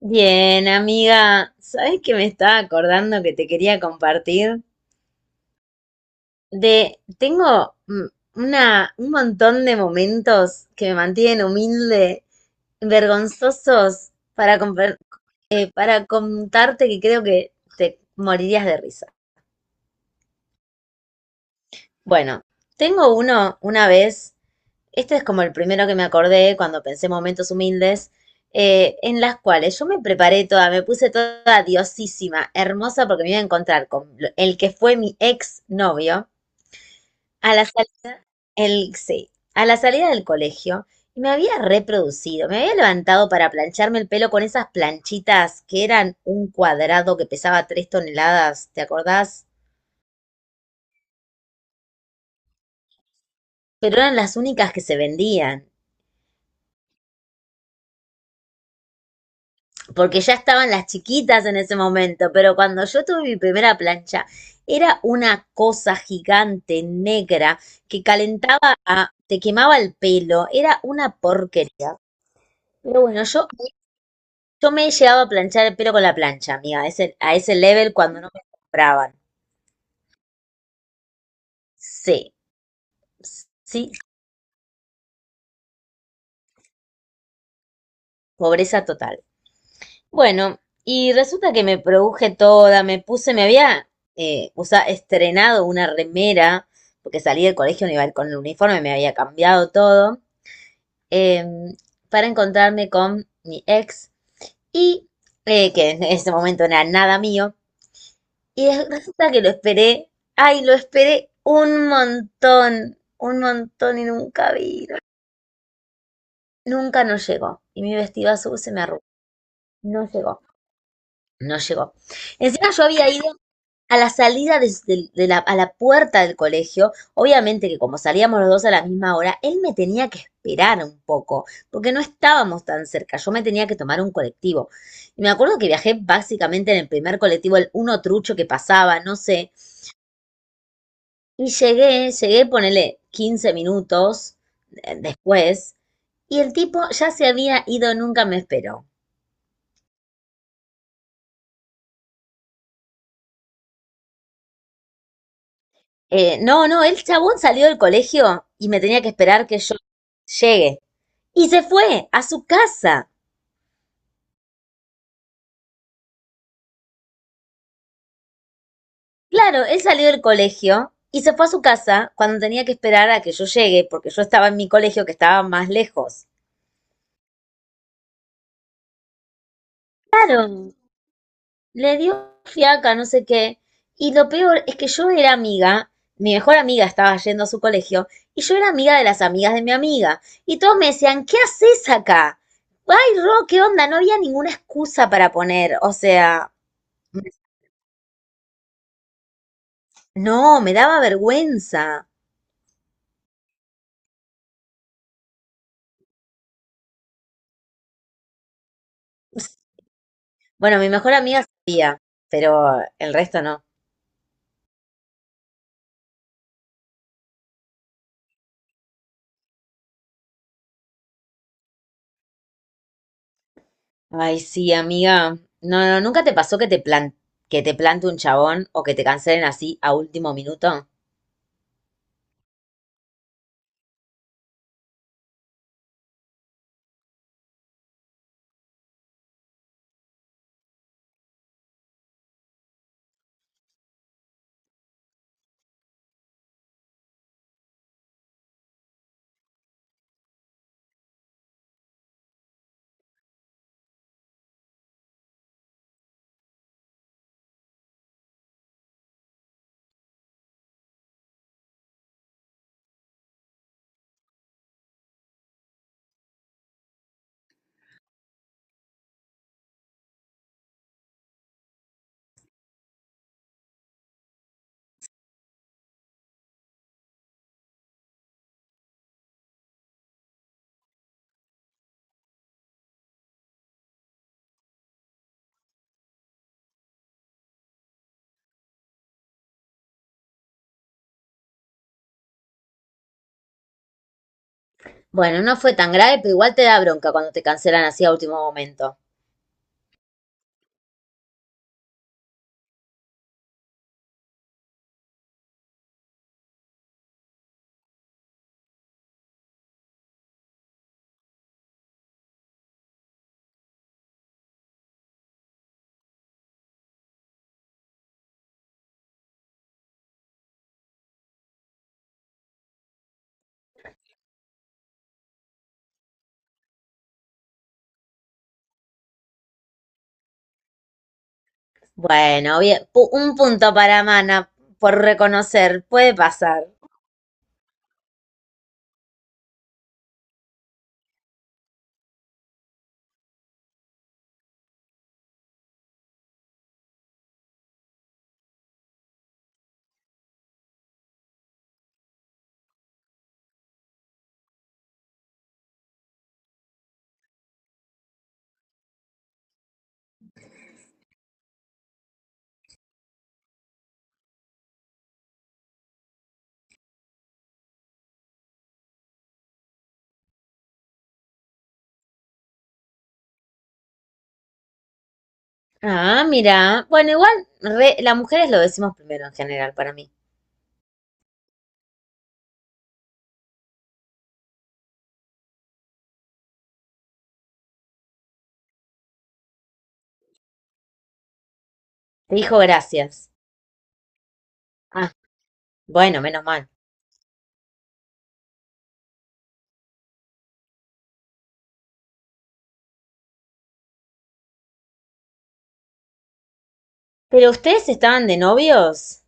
Bien, amiga, ¿sabes que me estaba acordando que te quería compartir? De, tengo una, un montón de momentos que me mantienen humilde, vergonzosos, para, para contarte que creo que te morirías de risa. Bueno, tengo uno una vez. Este es como el primero que me acordé cuando pensé en momentos humildes, en las cuales yo me preparé toda, me puse toda diosísima, hermosa, porque me iba a encontrar con el que fue mi ex novio a la salida, el, sí, a la salida del colegio. Y me había reproducido, me había levantado para plancharme el pelo con esas planchitas que eran un cuadrado que pesaba 3 toneladas, ¿te acordás? Pero eran las únicas que se vendían, porque ya estaban las chiquitas en ese momento, pero cuando yo tuve mi primera plancha, era una cosa gigante, negra, que calentaba, te quemaba el pelo, era una porquería. Pero bueno, yo me he llegado a planchar el pelo con la plancha, amiga, a a ese level cuando no me compraban. Sí, sí, pobreza total. Bueno, y resulta que me produje toda, me puse, me había estrenado una remera, porque salí del colegio no iba a ir con el uniforme, me había cambiado todo, eh, para encontrarme con mi ex, y que en ese momento no era nada mío, y resulta que lo esperé, ay, lo esperé un montón y nunca vino, nunca no llegó, y mi vestido azul se me arrugó, no llegó, no llegó. Encima yo había ido a la salida de, de la, a la puerta del colegio, obviamente que como salíamos los dos a la misma hora, él me tenía que esperar un poco, porque no estábamos tan cerca, yo me tenía que tomar un colectivo. Y me acuerdo que viajé básicamente en el primer colectivo, el uno trucho que pasaba, no sé, y llegué, llegué, ponele 15 minutos después, y el tipo ya se había ido, nunca me esperó. No, no, el chabón salió del colegio y me tenía que esperar que yo llegue. Y se fue a su casa. Claro, él salió del colegio y se fue a su casa cuando tenía que esperar a que yo llegue, porque yo estaba en mi colegio que estaba más lejos. Claro, le dio fiaca, no sé qué. Y lo peor es que yo era amiga, mi mejor amiga estaba yendo a su colegio, y yo era amiga de las amigas de mi amiga. Y todos me decían, ¿qué haces acá? Ay, Ro, ¿qué onda? No había ninguna excusa para poner. O sea, no, me daba vergüenza. Bueno, mi mejor amiga sabía, pero el resto no. Ay, sí, amiga. No, no, ¿nunca te pasó que te que te plante un chabón o que te cancelen así a último minuto? Bueno, no fue tan grave, pero igual te da bronca cuando te cancelan así a último momento. Bueno, bien, un punto para Mana por reconocer, puede pasar. Ah, mira. Bueno, igual las mujeres lo decimos primero en general para mí. Te dijo gracias. Ah, bueno, menos mal. ¿Pero ustedes estaban de novios?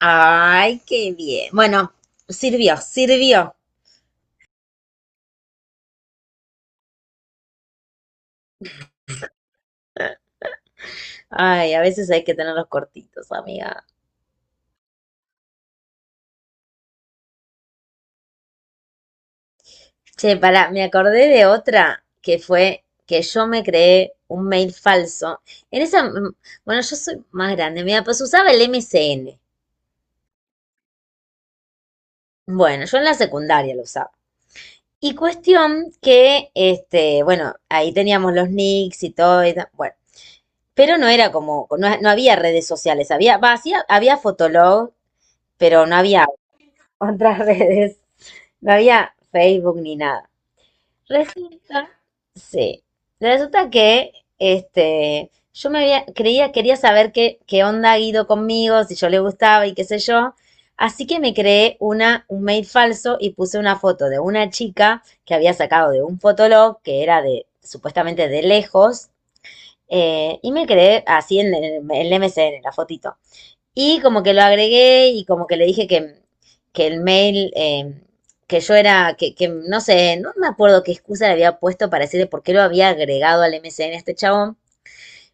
Ay, qué bien. Bueno, sirvió, sirvió. Ay, a veces hay que tenerlos cortitos, amiga. Che, pará, me acordé de otra que fue que yo me creé un mail falso. En esa, bueno, yo soy más grande, mira, pues usaba el MSN. Bueno, yo en la secundaria lo usaba. Y cuestión que, este, bueno, ahí teníamos los nicks y todo, y bueno, pero no era como, no, no había redes sociales, había, va, sí, había Fotolog, pero no había otras redes. No había Facebook ni nada. Resulta, sí. Resulta que este, yo me había, creía, quería saber qué, qué onda Guido conmigo, si yo le gustaba y qué sé yo. Así que me creé una, un mail falso y puse una foto de una chica que había sacado de un fotolog que era de supuestamente de lejos. Y me creé así en el MSN, la fotito. Y como que lo agregué y como que le dije que el mail, que yo era, que no sé, no me acuerdo qué excusa le había puesto para decirle por qué lo había agregado al MSN a este chabón.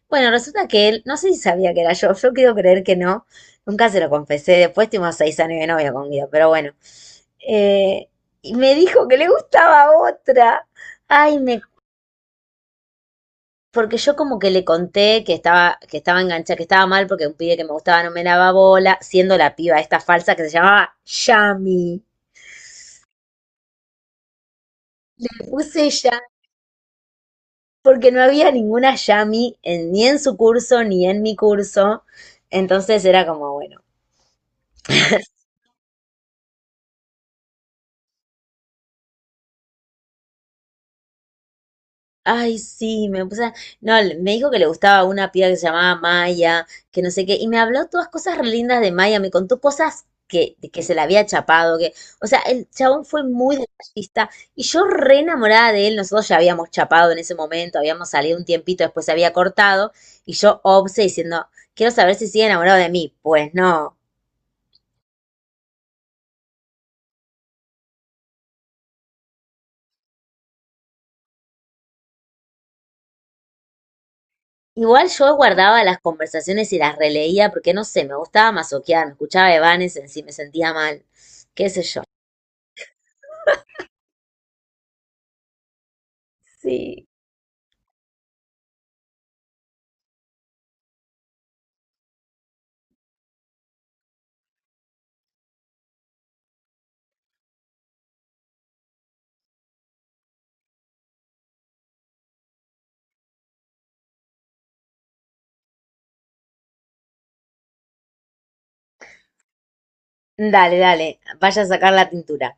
Bueno, resulta que él, no sé si sabía que era yo, yo quiero creer que no, nunca se lo confesé, después tuvimos 6 años de novia con Guido, pero bueno. Eh, y me dijo que le gustaba otra. Ay, me porque yo como que le conté que estaba enganchada, que estaba mal porque un pibe que me gustaba no me daba bola, siendo la piba esta falsa que se llamaba Yami. Me puse ya, porque no había ninguna Yami ni en su curso ni en mi curso. Entonces era como, bueno, ay, sí, me puse. No, me dijo que le gustaba una piba que se llamaba Maya, que no sé qué, y me habló todas cosas re lindas de Maya, me contó cosas que, de que se la había chapado, que, o sea, el chabón fue muy detallista, y yo re enamorada de él, nosotros ya habíamos chapado en ese momento, habíamos salido un tiempito, después se había cortado, y yo obse diciendo, quiero saber si sigue enamorado de mí. Pues no. Igual yo guardaba las conversaciones y las releía, porque no sé, me gustaba masoquear, me escuchaba Evanes en sí, me sentía mal, qué sé yo. Sí. Dale, dale. Vaya a sacar la tintura.